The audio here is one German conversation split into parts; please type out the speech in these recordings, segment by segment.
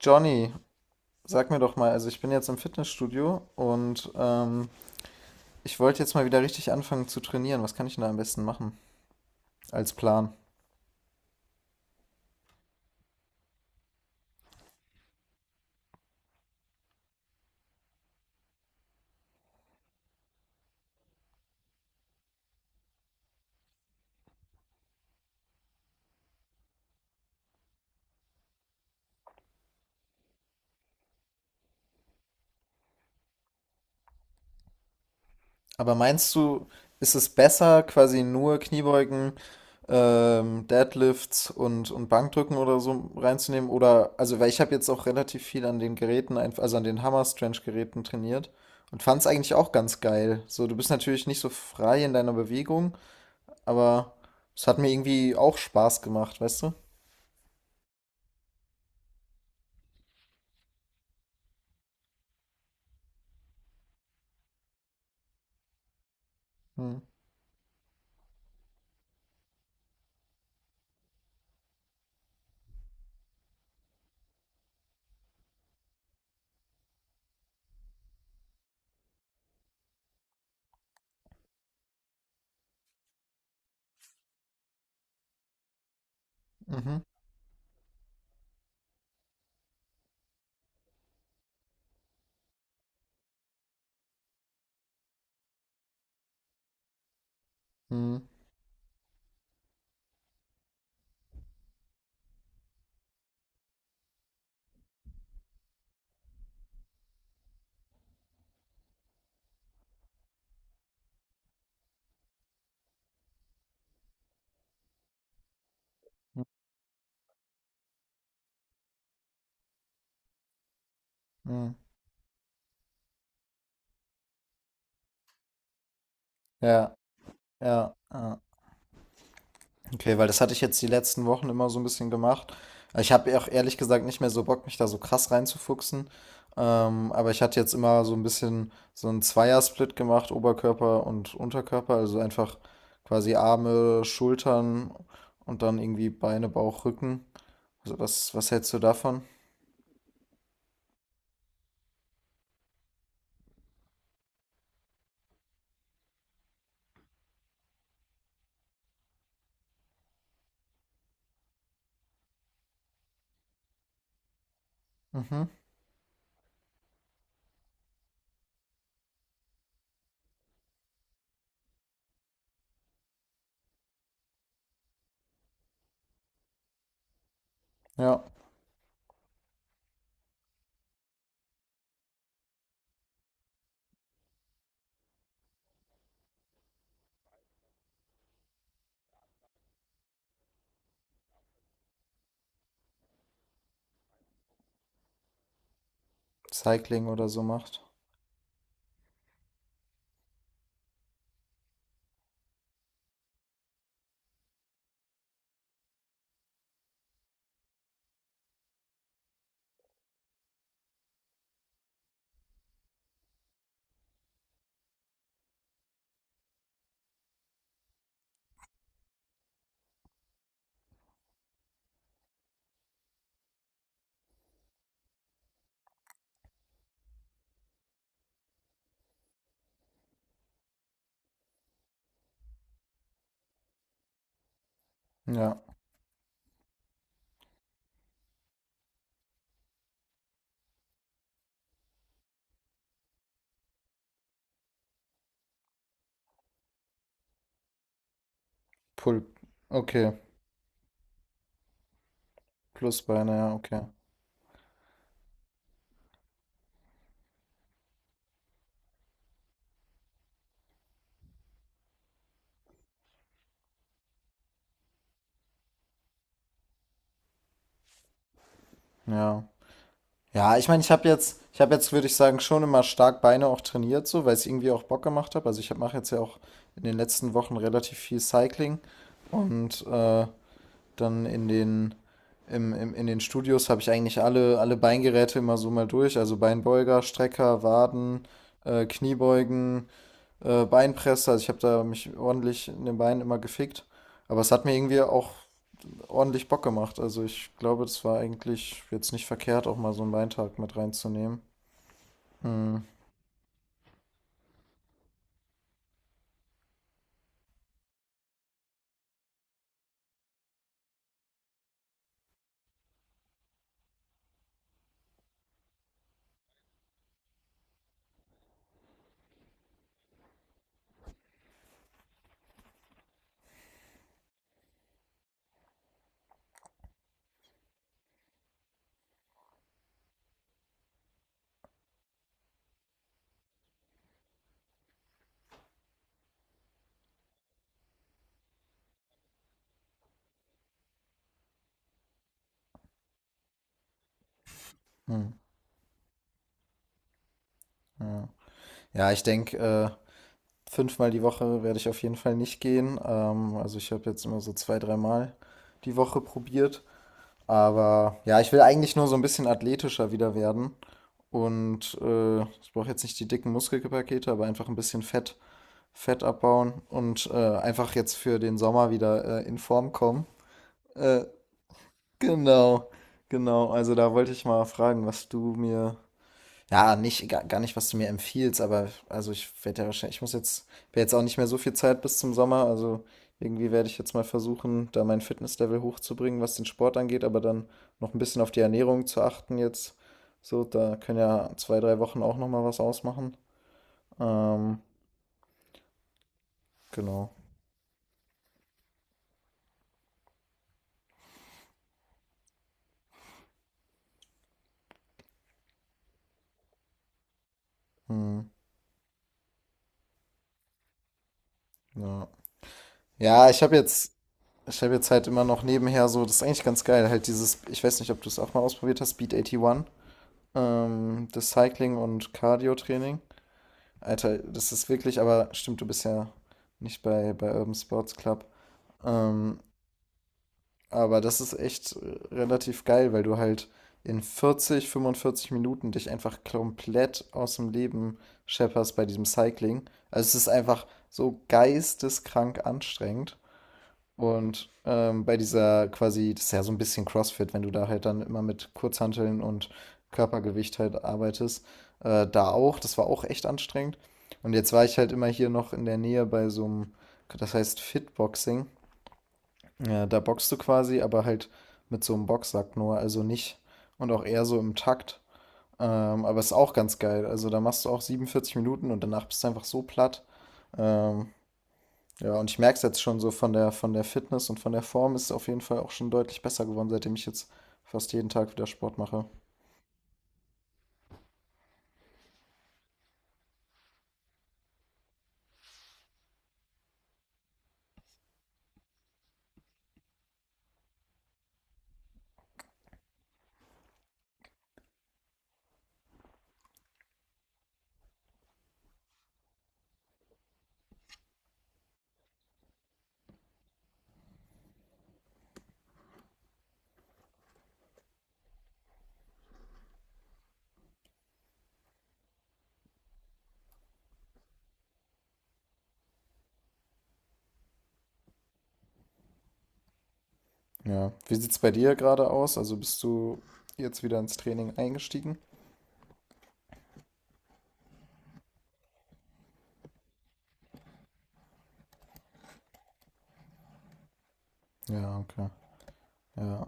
Johnny, sag mir doch mal, also ich bin jetzt im Fitnessstudio und ich wollte jetzt mal wieder richtig anfangen zu trainieren. Was kann ich denn da am besten machen als Plan? Aber meinst du, ist es besser, quasi nur Kniebeugen, Deadlifts und Bankdrücken oder so reinzunehmen? Oder, also, weil ich habe jetzt auch relativ viel an den Geräten, also an den Hammer-Strength-Geräten trainiert und fand es eigentlich auch ganz geil. So, du bist natürlich nicht so frei in deiner Bewegung, aber es hat mir irgendwie auch Spaß gemacht, weißt du? Mhm. Mhm. Mhm. Mhm. Ja, ja, ja. Okay, weil das hatte ich jetzt die letzten Wochen immer so ein bisschen gemacht. Ich habe auch ehrlich gesagt nicht mehr so Bock, mich da so krass reinzufuchsen. Aber ich hatte jetzt immer so ein bisschen so 'n Zweiersplit gemacht, Oberkörper und Unterkörper, also einfach quasi Arme, Schultern und dann irgendwie Beine, Bauch, Rücken. Also was hältst du davon? Mhm. Ja, Cycling oder so macht. Ja, Pull. Okay, plus Beine, ja, okay. Ja. Ja, ich meine, ich habe jetzt, würde ich sagen, schon immer stark Beine auch trainiert, so, weil es irgendwie auch Bock gemacht hat. Also ich mache jetzt ja auch in den letzten Wochen relativ viel Cycling und dann in den Studios habe ich eigentlich alle Beingeräte immer so mal durch. Also Beinbeuger, Strecker, Waden, Kniebeugen, Beinpresse. Also ich habe da mich ordentlich in den Beinen immer gefickt. Aber es hat mir irgendwie auch ordentlich Bock gemacht. Also ich glaube, das war eigentlich jetzt nicht verkehrt, auch mal so einen Weintag mit reinzunehmen. Hm, hm, ja. Ja, ich denke, fünfmal die Woche werde ich auf jeden Fall nicht gehen. Also ich habe jetzt immer so zwei, dreimal die Woche probiert. Aber ja, ich will eigentlich nur so ein bisschen athletischer wieder werden. Und ich brauche jetzt nicht die dicken Muskelpakete, aber einfach ein bisschen Fett abbauen und einfach jetzt für den Sommer wieder in Form kommen. Äh, Genau, genau. Also da wollte ich mal fragen, ja, nicht, gar nicht, was du mir empfiehlst, aber also ich werde ja wahrscheinlich, wäre jetzt auch nicht mehr so viel Zeit bis zum Sommer, also irgendwie werde ich jetzt mal versuchen, da mein Fitnesslevel hochzubringen, was den Sport angeht, aber dann noch ein bisschen auf die Ernährung zu achten jetzt. So, da können ja zwei, drei Wochen auch noch mal was ausmachen. Ähm, genau. Hm, ja. Ja. Ich habe jetzt halt immer noch nebenher so, das ist eigentlich ganz geil, halt dieses, ich weiß nicht, ob du es auch mal ausprobiert hast, Beat 81, das Cycling- und Cardio-Training. Alter, das ist wirklich, aber stimmt, du bist ja nicht bei Urban Sports Club. Ähm, aber das ist echt relativ geil, weil du halt in 40, 45 Minuten dich einfach komplett aus dem Leben schepperst bei diesem Cycling. Also es ist einfach so geisteskrank anstrengend. Und bei dieser quasi, das ist ja so ein bisschen CrossFit, wenn du da halt dann immer mit Kurzhanteln und Körpergewicht halt arbeitest, da auch, das war auch echt anstrengend. Und jetzt war ich halt immer hier noch in der Nähe bei so einem, das heißt Fitboxing. Ja, da boxst du quasi, aber halt mit so einem Boxsack nur, also nicht und auch eher so im Takt. Aber ist auch ganz geil. Also da machst du auch 47 Minuten und danach bist du einfach so platt. Ähm, ja, und ich merke es jetzt schon so von der Fitness und von der Form ist es auf jeden Fall auch schon deutlich besser geworden, seitdem ich jetzt fast jeden Tag wieder Sport mache. Ja. Wie sieht es bei dir gerade aus? Also bist du jetzt wieder ins Training eingestiegen? Ja, okay. Ja,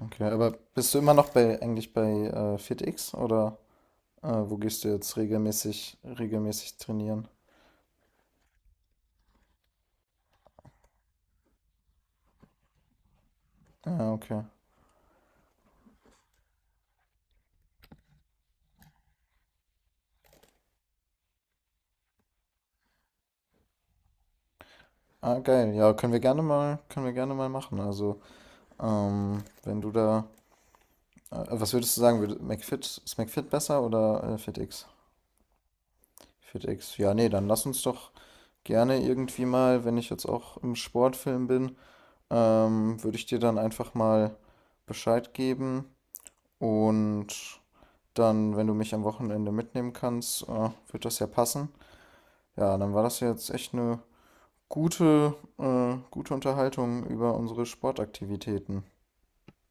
okay. Aber bist du immer noch bei eigentlich bei FitX oder wo gehst du jetzt regelmäßig trainieren? Ja, okay. Ah, geil. Ja, können wir gerne mal, können wir gerne mal machen. Also, wenn du da was würdest du sagen? Würde McFit, ist McFit besser oder FitX? FitX. Ja, nee, dann lass uns doch gerne irgendwie mal, wenn ich jetzt auch im Sportfilm bin, würde ich dir dann einfach mal Bescheid geben. Und dann, wenn du mich am Wochenende mitnehmen kannst, wird das ja passen. Ja, dann war das jetzt echt eine gute Unterhaltung über unsere Sportaktivitäten.